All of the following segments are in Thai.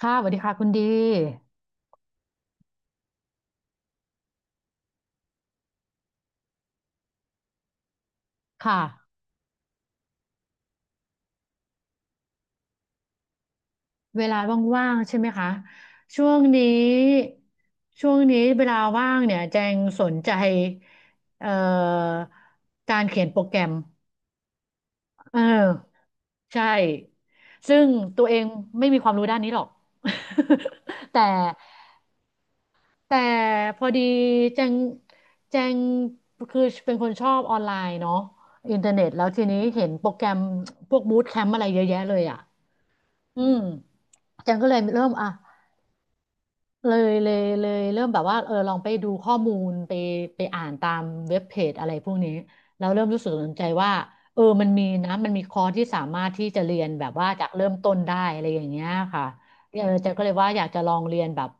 ค่ะสวัสดีค่ะคุณดีค่ะเวลาว่างๆใช่ไหมคะช่วงนี้ช่วงนี้เวลาว่างเนี่ยแจงสนใจเอ่อการเขียนโปรแกรมเออใช่ซึ่งตัวเองไม่มีความรู้ด้านนี้หรอก แต่แต่พอดีแจงแจงคือเป็นคนชอบออนไลน์เนาะอินเทอร์เน็ตแล้วทีนี้เห็นโปรแกรมพวกบู o แคมป์อะไรเยอะแยะเลยอ่ะอืม อาจังก็เลยเริ่มอ่ะ เลยเริ่มแบบว่าเออลองไปดูข้อมูลไปอ่านตามเว็บเพจอะไรพวกนี้แล้วเริ่มรู้สึกสนใจว่าเออมันมีนะมันมีคอร์สที่สามารถที่จะเรียนแบบว่าจากเริ่มต้นได้อะไรอย่างเงี้ยค่ะเออจะก็เลยว่าอยากจะลองเรียนแบบ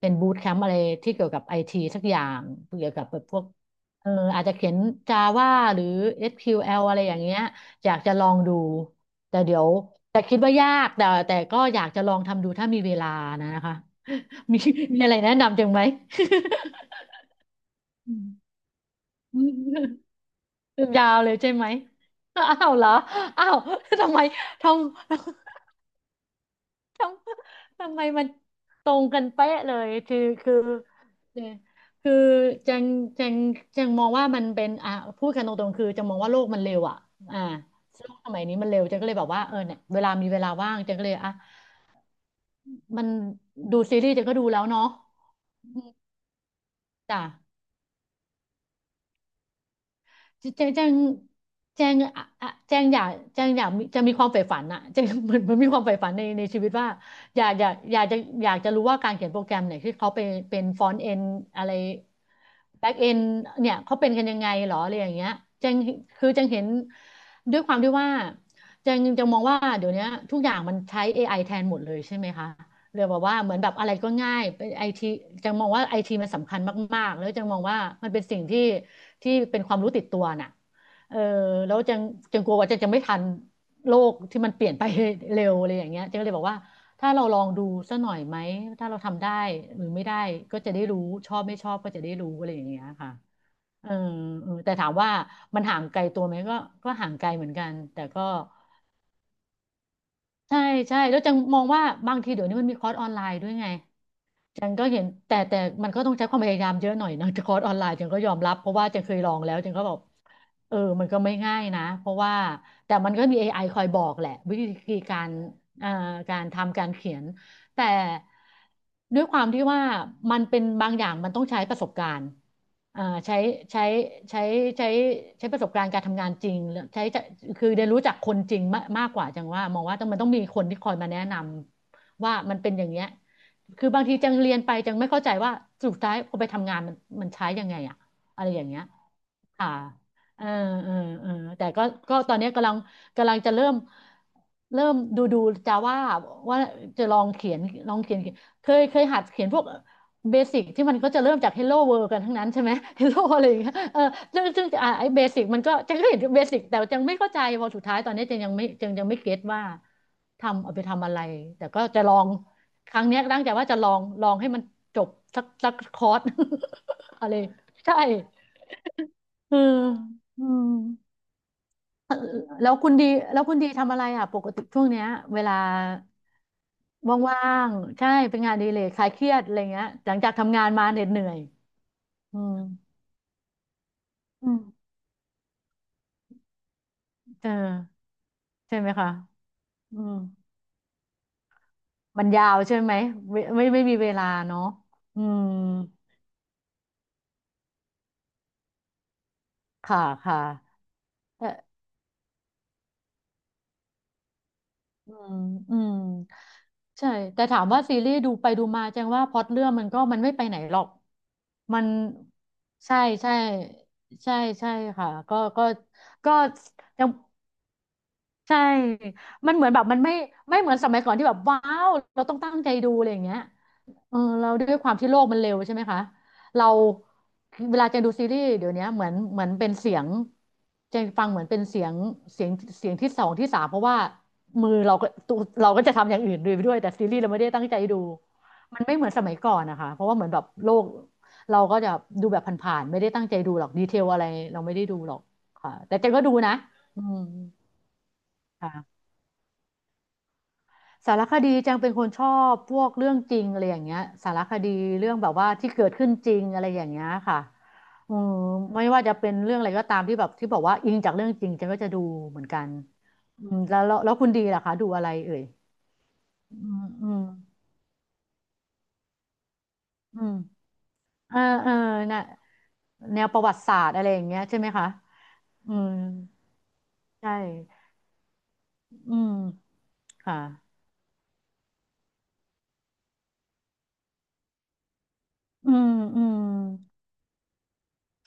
เป็นบูตแคมป์อะไรที่เกี่ยวกับไอทีสักอย่างเกี่ยวกับแบบพวกเอออาจจะเขียน Java หรือ SQL อสคิวแอลอะไรอย่างเงี้ยอยากจะลองดูแต่เดี๋ยวแต่คิดว่ายากแต่ก็อยากจะลองทำดูถ้ามีเวลานะคะ มี มีอะไรแนะนำจังไหม อืม ยาวเลยใช่ไหมอ้าวเหรออ้าว ทำไมทำ ททำไมมันตรงกันเป๊ะเลยคือเนี่ยคือจังจังจังมองว่ามันเป็นอ่ะพูดกันตรงๆคือจังมองว่าโลกมันเร็วอ่ะอ่าโลกสมัยนี้มันเร็วจังก็เลยแบบว่าเออเนี่ยเวลามีเวลาว่างจังก็เลยอ่ะมันดูซีรีส์จังก็ดูแล้วเนาะจ้ะ แจงแจงแจงอะแจงอยากมีจะมีความใฝ่ฝันอะ แจงเหมือนมันมีความใฝ่ฝันในชีวิตว่าอยากจะอยากจะรู้ว่าการเขียนโปรแกรมเนี่ยที่เขาเป็นฟอนต์เอนอะไรแบ็กเอนเนี่ยเขาเป็นกันยังไงหรออะไรอย่างเงี้ยแจงคือแจงเห็นด้วยความที่ว่าแจงจะมองว่าเดี๋ยวนี้ทุกอย่างมันใช้ AI แทนหมดเลยใช่ไหมคะ เรียกว่าเหมือนแบบอะไรก็ง่ายเป็นไอทีจังมองว่าไอทีมันสำคัญมากๆแล้วจังมองว่ามันเป็นสิ่งที่เป็นความรู้ติดตัวน่ะเออแล้วจังกลัวว่าจะไม่ทันโลกที่มันเปลี่ยนไป เร็วอะไรอย่างเงี้ยจังก็เลยบอกว่าถ้าเราลองดูสักหน่อยไหม ถ้าเราทำได้หรือไม่ได้ก็จะได้รู้ชอบไม่ชอบก็จะได้รู้อะไรอย่างเงี้ยค่ะเออเออแต่ถามว่ามันห่างไกลตัวไหมก็ห่างไกลเหมือนกัน แต่ก็ใช่ใช่แล้วจังมองว่าบางทีเดี๋ยวนี้มันมีคอร์สออนไลน์ด้วยไง จังก็เห็นแต่มันก็ต้องใช้ความพยายามเยอะหน่อยนะ คอร์สออนไลน์จังก็ยอมรับเพราะว่าจังเคยลองแล้วจังก็บอกเออมันก็ไม่ง่ายนะเพราะว่าแต่มันก็มี AI คอยบอกแหละวิธีการเอ่อการทำการเขียนแต่ด้วยความที่ว่ามันเป็นบางอย่างมันต้องใช้ประสบการณ์อ่าใช้ใช้ใช้ใช้ประสบการณ์การทำงานจริงใช้จะคือเรียนรู้จากคนจริงมากมากกว่าจังมองว่าต้องต้องมีคนที่คอยมาแนะนำว่ามันเป็นอย่างเงี้ย คือบางทีจังเรียนไปจังไม่เข้าใจว่าสุดท้ายเอาไปทำงานมันใช้ยังไงอะอะไรอย่างเงี้ยค่ะเออเออเออแต่ก็ก็ตอนนี้กำลังจะเริ่มดูจะว่าว่าจะลองเขียนลองเขียนเคยหัดเขียนพวกเบสิกที่มันก็จะเริ่มจาก Hello World กันทั้งนั้นใช่ไหม Hello อะไรอย่างเงี้ยเออซึ่งอ่ะไอ้เบสิกมันก็จังก็เห็นเบสิกแต่จังไม่เข้าใจพอสุดท้ายตอนนี้จังยังไม่เก็ตว่าเอาไปทำอะไรแต่ก็จะลอง ครั้งเนี้ยตั้งใจว่าจะลองให้มันจบสักคอร์ส อะไรใช่เอออืมเออแล้วคุณดีแล้วคุณดีทำอะไรอ่ะปกติช่วงเนี้ยเวลาว่างๆใช่เป็นงานอดีเลยคลายเครียดอะไรเงี้ยหลังจากทำงานมาเหน็ดเหนื่อยอืมอืมเออใช่ไหมคะอืมมันยาวใช่ไหมเวไม่มีเวลาเนาะอืมค่ะ อืมอืมใช่แต่ถามว่าซีรีส์ดูไปดูมาแจ้งว่าพล็อตเรื่องมันมันไม่ไปไหนหรอกมันใช่ใช่ใช่ใช่ค่ะก็ก็ก็ยังใช่มันเหมือนแบบมันไม่เหมือนสมัยก่อนที่แบบว้าวเราต้องตั้งใจดูอะไรอย่างเงี้ย เออเราด้วยความที่โลกมันเร็วใช่ไหมคะเราเวลาเจนดูซีรีส์เดี๋ยวเนี้ยเหมือนเป็นเสียงเจนฟังเหมือนเป็นเสียงเสียงเสียงที่สองที่สามเพราะว่ามือเราก็ตัวเราก็จะทำอย่างอื่นด้วยไปด้วยแต่ซีรีส์เราไม่ได้ตั้งใจดูมันไม่เหมือนสมัยก่อนนะคะเพราะว่าเหมือนแบบโลกเราก็จะดูแบบผ่านๆไม่ได้ตั้งใจดูหรอกดีเทลอะไรเราไม่ได้ดูหรอกค่ะแต่เจนก็ดูนะอืมค่ะ สารคดีจังเป็นคนชอบพวกเรื่องจริงอะไรอย่างเงี้ยสารคดีเรื่องแบบว่าที่เกิดขึ้นจริงอะไรอย่างเงี้ยค่ะอืมไม่ว่าจะเป็นเรื่องอะไรก็ตามที่แบบที่บอกว่าอิงจากเรื่องจริงจังก็จะดูเหมือนกันอืมแล้วคุณดีล่ะคะดูอะไรเอ่ยอืมอืมอืมเออเออน่ะแนวประวัติศาสตร์อะไรอย่างเงี้ยใช่ไหมคะอืมใช่อืมค่ะอืมอืม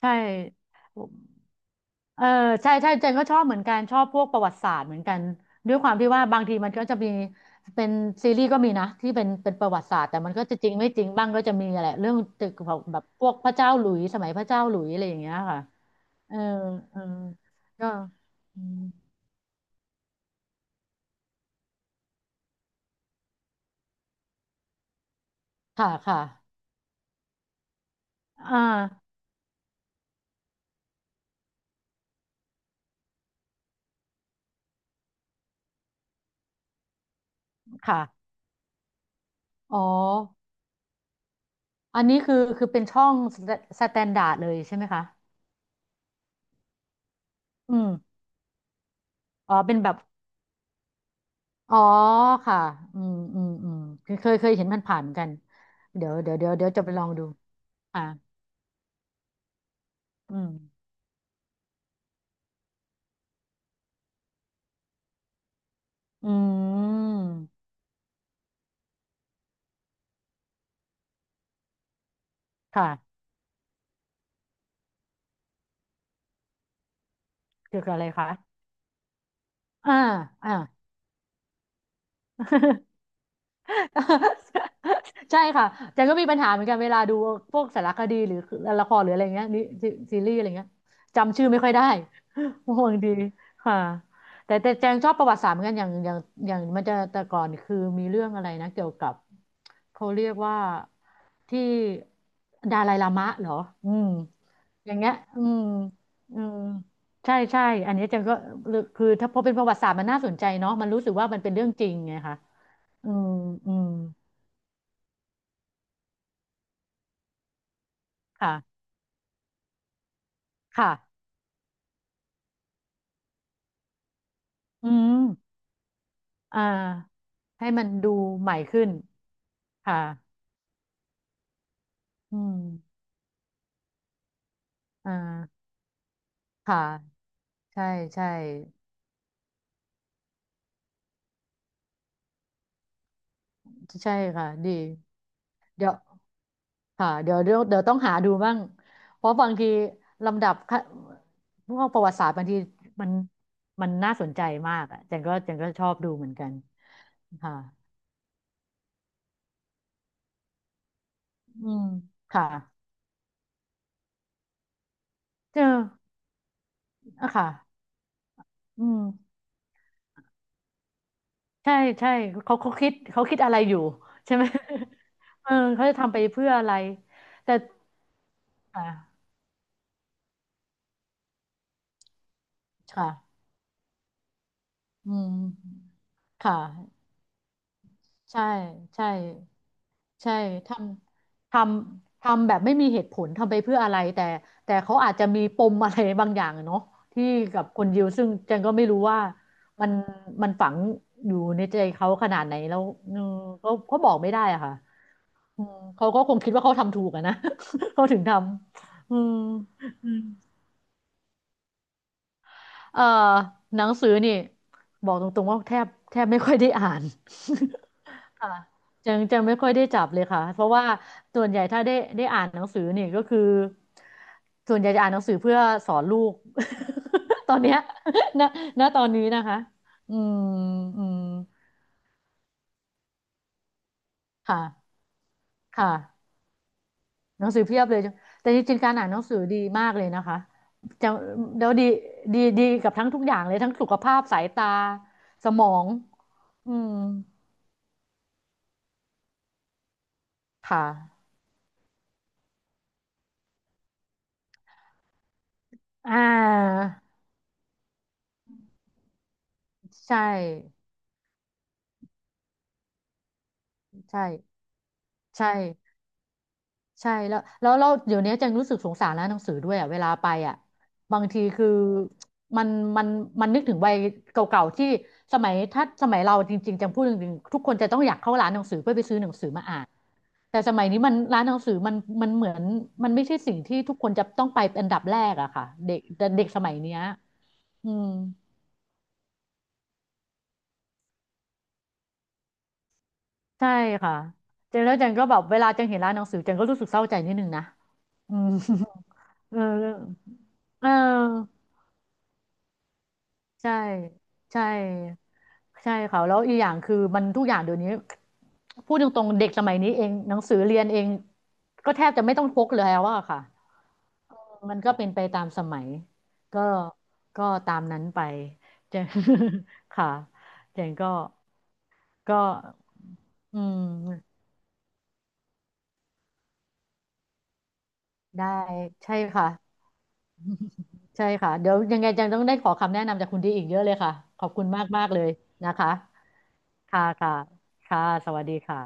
ใช่ เออใช่ใช่เจนก็ชอบเหมือนกันชอบพวกประวัติศาสตร์เหมือนกันด้วยความที่ว่าบางทีมันก็จะมีเป็นซีรีส์ก็มีนะที่เป็นประวัติศาสตร์แต่มันก็จะจริงไม่จริงบ้างก็จะมีอะไรเรื่องตึกของแบบพวกพระเจ้าหลุยส์สมัยพระเจ้าหลุยส์อะไรอย่างเงี้ยค่ะเออเออก็อืมค่ะค่ะอ่าค่ะอ๋ออันนี้คือเป็นช่องสแตนดาร์ดเลยใช่ไหมคะอืมอ๋อเป็นแบบ อ๋อค่ะอืมอืมอืมเคยเห็นมันผ่านเหมือนกันเดี๋ยวจะไปลองดูอ่าอืมอืมค่ะเกี่ยวกับอะไรคะอ่าอ่า ใช่ค่ะแจนก็มีปัญหาเหมือนกันเวลาดูพวกสารคดีหรือละครหรืออะไรเงี้ยนี่ซีซีรีส์อะไรเงี้ยจำชื่อไม่ค่อยได้ ห่วงดีค่ะแต่แจงชอบประวัติศาสตร์เหมือนกันอย่างมันจะแต่ก่อนคือมีเรื่องอะไรนะเกี่ยวกับเขาเรียกว่าที่ดาไลลามะเหรออืมอย่างเงี้ยอืมอืมใช่ใช่อันนี้จังก็คือถ้าพอเป็นประวัติศาสตร์มันน่าสนใจเนาะมันรู้สึกว่ามันเป็นเรื่องจริงไงคะอืมอืม ค่ะค่ะอืมอ่าให้มันดูใหม่ขึ้น ค่ะอืมอ่าค่ะ ใช่ใช่ใช่ค่ะ ดี เดี๋ยว ค่ะ เดี๋ยวต้องหาดูบ้าง เพราะบางทีลำดับขั้นพวกประวัติศาสตร์บางทีมันมันน่าสนใจมากอ่ะจันก็ชอบดูเหมือนกัน ค่ะ อืมค่ะเจออ่ะค่ะอืม ใช่ใช่เขาคิดเขาคิดอะไรอยู่ใช่ไหม เออเขาจะทำไปเพื่ออะไรแต่ค่ะค่ะอืมค่ะใช่ใช่ใช่ทำททำแบบไม่มีเหตุผลทำไปเพื่ออะไรแต่แต่เขาอาจจะมีปมอะไรบางอย่างอะเนาะที่กับคนยิวซึ่งเจนก็ไม่รู้ว่ามันมันฝังอยู่ในใจเขาขนาดไหนแล้วเอมเขาบอกไม่ได้อะค่ะ อืมเขาก็คงคิดว่าเขาทำถูกอะนะ เขาถึงทำอืมอืมเอ่อหนังสือนี่บอกตรงๆว่าแทบไม่ค่อยได้อ่าน ค่ะจังไม่ค่อยได้จับเลยค่ะเพราะว่าส่วนใหญ่ถ้าได้อ่านหนังสือนี่ก็คือส่วนใหญ่จะอ่านหนังสือเพื่อสอนลูก ตอนเนี้ย ณณตอนนี้นะคะอืมอืมค่ะค่ะ หนังสือเพียบเลยแต่จริงๆการอ่านหนังสือดีมากเลยนะคะจะเดี๋ยวดีดีกับทั้งทุกอย่างเลยทั้งสุขภาพสายตาสมองอืมค่ะอ่าใช่ใช่ใช่ใช่แล้วเราเดี๋ยวนี้จังรู้สึกสงสารร้านหนังสือด้วยอ่ะเวลาไปอ่ะบางทีคือมันมันมันนึกถึงวัยเก่าๆที่สมัยถ้าสมัยเราจริงๆจังพูดจริงๆทุกคนจะต้องอยากเข้าร้านหนังสือเพื่อไปซื้อหนังสือมาอ่าน แต่สมัยนี้มันร้านหนังสือมันมันเหมือนมันไม่ใช่สิ่งที่ทุกคนจะต้องไปเป็นอันดับแรกอะค่ะเด็กแต่เด็กสมัยเนี้ยอืมใช่ค่ะเจนแล้วเจนก็แบบเวลาเจนเห็นร้านหนังสือเจนก็รู้สึกเศร้าใจนิดนึงนะอืม เออเออใช่ใช่ใช่ค่ะแล้วอีกอย่างคือมันทุกอย่างเดี๋ยวนี้พูดตรงๆเด็กสมัยนี้เองหนังสือเรียนเองก็แทบจะไม่ต้องพกเลยแล้วอะค่ะ มันก็เป็นไปตามสมัยก็ก็ตามนั้นไปเจน ค่ะเจนก็ก็อืมได้ใช่ค่ะใช่ค่ะเดี๋ยวยังไงจังต้องได้ขอคำแนะนำจากคุณดีอีกเยอะเลยค่ะขอบคุณมากมากเลยนะคะค่ะค่ะค่ะสวัสดีค่ะ